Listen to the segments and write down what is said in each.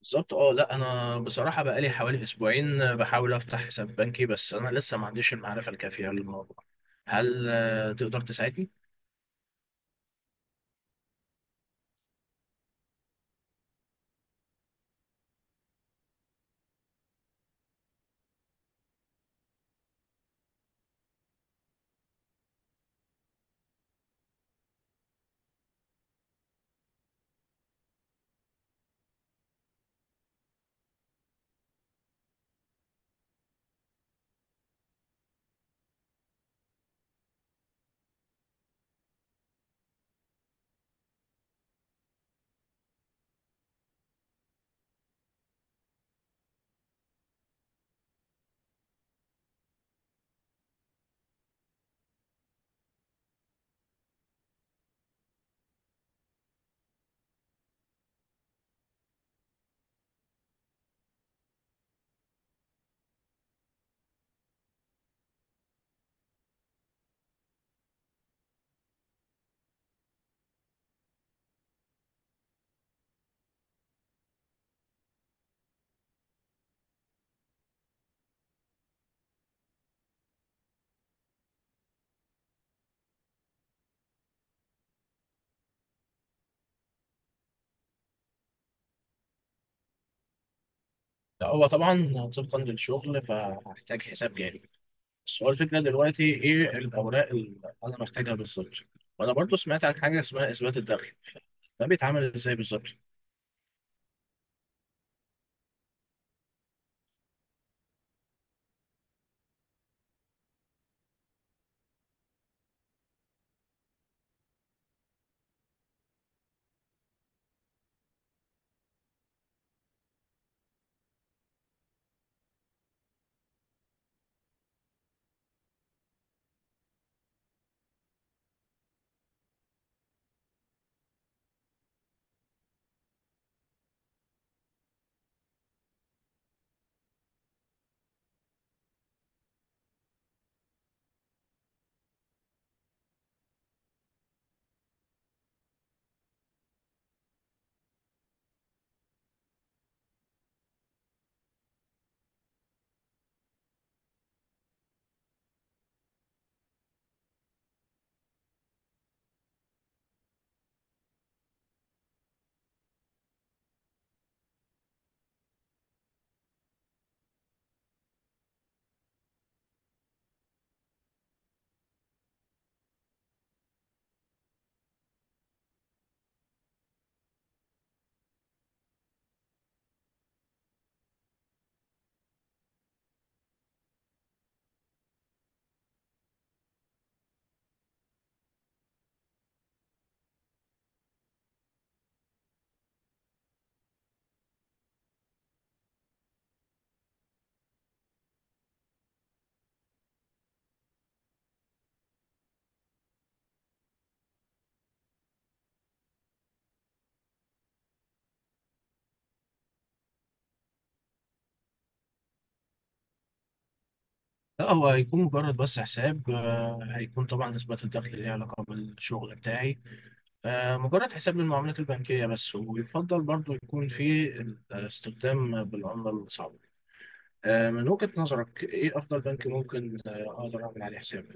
بالظبط، اه، لا، انا بصراحه بقالي حوالي اسبوعين بحاول افتح حساب بنكي. بس انا لسه ما عنديش المعرفه الكافيه للموضوع. هل تقدر تساعدني؟ لا، هو طبعا طبقا للشغل فهحتاج حساب جاري. بس هو الفكره دلوقتي ايه الاوراق اللي انا محتاجها بالظبط؟ وانا برضو سمعت عن حاجه اسمها اثبات الدخل، ده بيتعمل ازاي بالظبط؟ لا، هو هيكون مجرد بس حساب، هيكون طبعا اثبات الدخل ليه علاقه بالشغل بتاعي. مجرد حساب للمعاملات البنكية بس، ويفضل برضو يكون في استخدام بالعملة الصعبة. من وجهة نظرك إيه أفضل بنك ممكن أقدر أعمل عليه حساب؟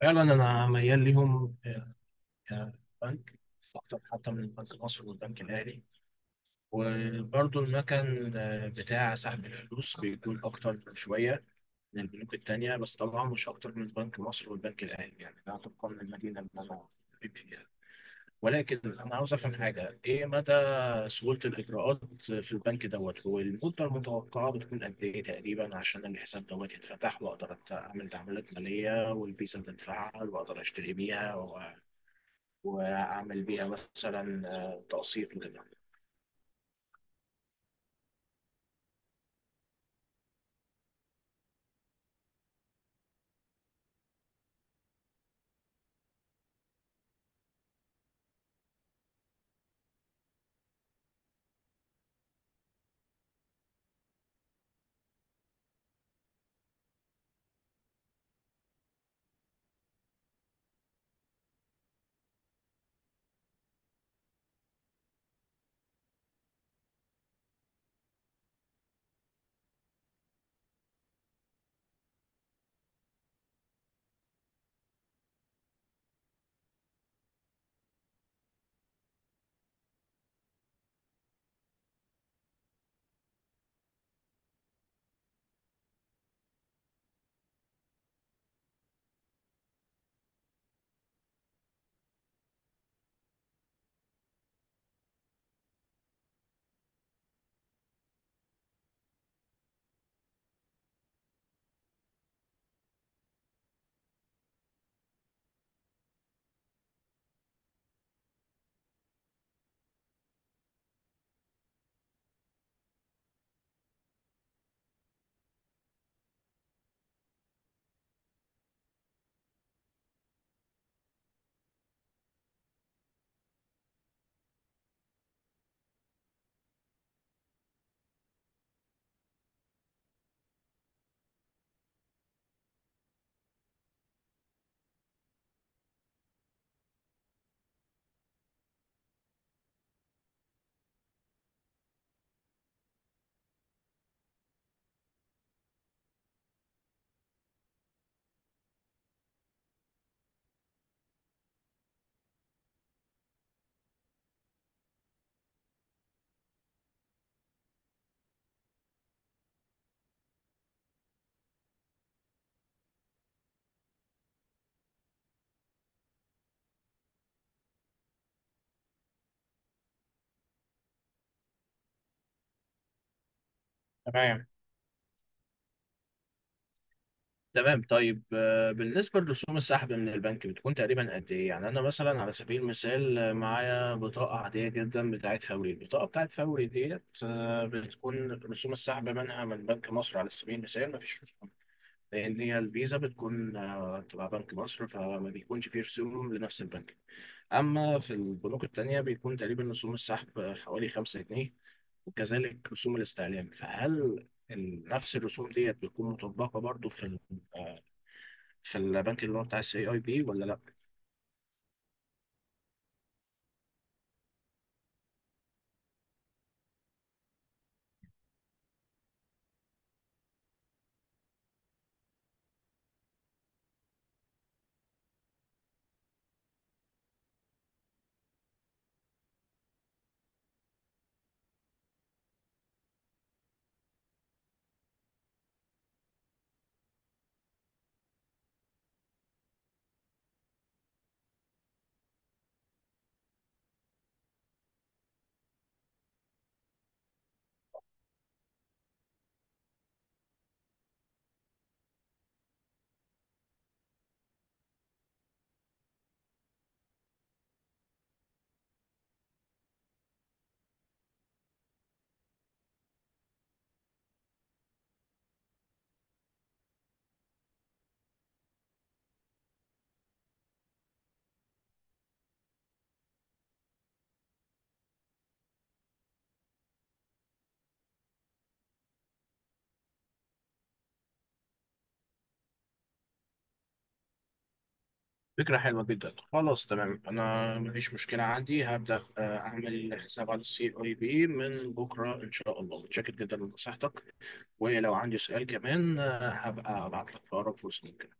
فعلا أنا ميال ليهم آه، كبنك، أكتر حتى من البنك المصري والبنك الأهلي. وبرضو المكان بتاع سحب الفلوس بيكون أكتر شوية من البنوك التانية، بس طبعا مش أكتر من بنك مصر والبنك الأهلي، يعني ده طبقا للمدينة اللي أنا بيبقى فيها. ولكن انا عاوز افهم حاجه، ايه مدى سهولة الإجراءات في البنك دوت؟ والمدة المتوقعة بتكون قد إيه تقريبا عشان الحساب دوت يتفتح وأقدر أعمل تعاملات مالية والفيزا تتفعل وأقدر أشتري بيها وأعمل بيها مثلا تقسيط وكده. تمام. تمام، طيب، بالنسبة لرسوم السحب من البنك بتكون تقريبا قد إيه؟ يعني أنا مثلا على سبيل المثال معايا بطاقة عادية جدا بتاعت فوري، البطاقة بتاعت فوري ديت بتكون رسوم السحب منها من بنك مصر على سبيل المثال مفيش رسوم، لان هي الفيزا بتكون تبع بنك مصر فما بيكونش فيه رسوم لنفس البنك. اما في البنوك التانية بيكون تقريبا رسوم السحب حوالي 5 جنيه، وكذلك رسوم الاستعلام. فهل نفس الرسوم ديت بتكون مطبقة برضو في آه، في البنك اللي هو بتاع الـ CIB ولا لا؟ فكرة حلوة جدا، خلاص تمام، أنا مفيش مشكلة عندي. هبدأ أعمل حساب على الـ CIB من بكرة إن شاء الله. متشكر جدا لنصيحتك، ولو عندي سؤال كمان هبقى أبعت لك في أقرب فرصة ممكن.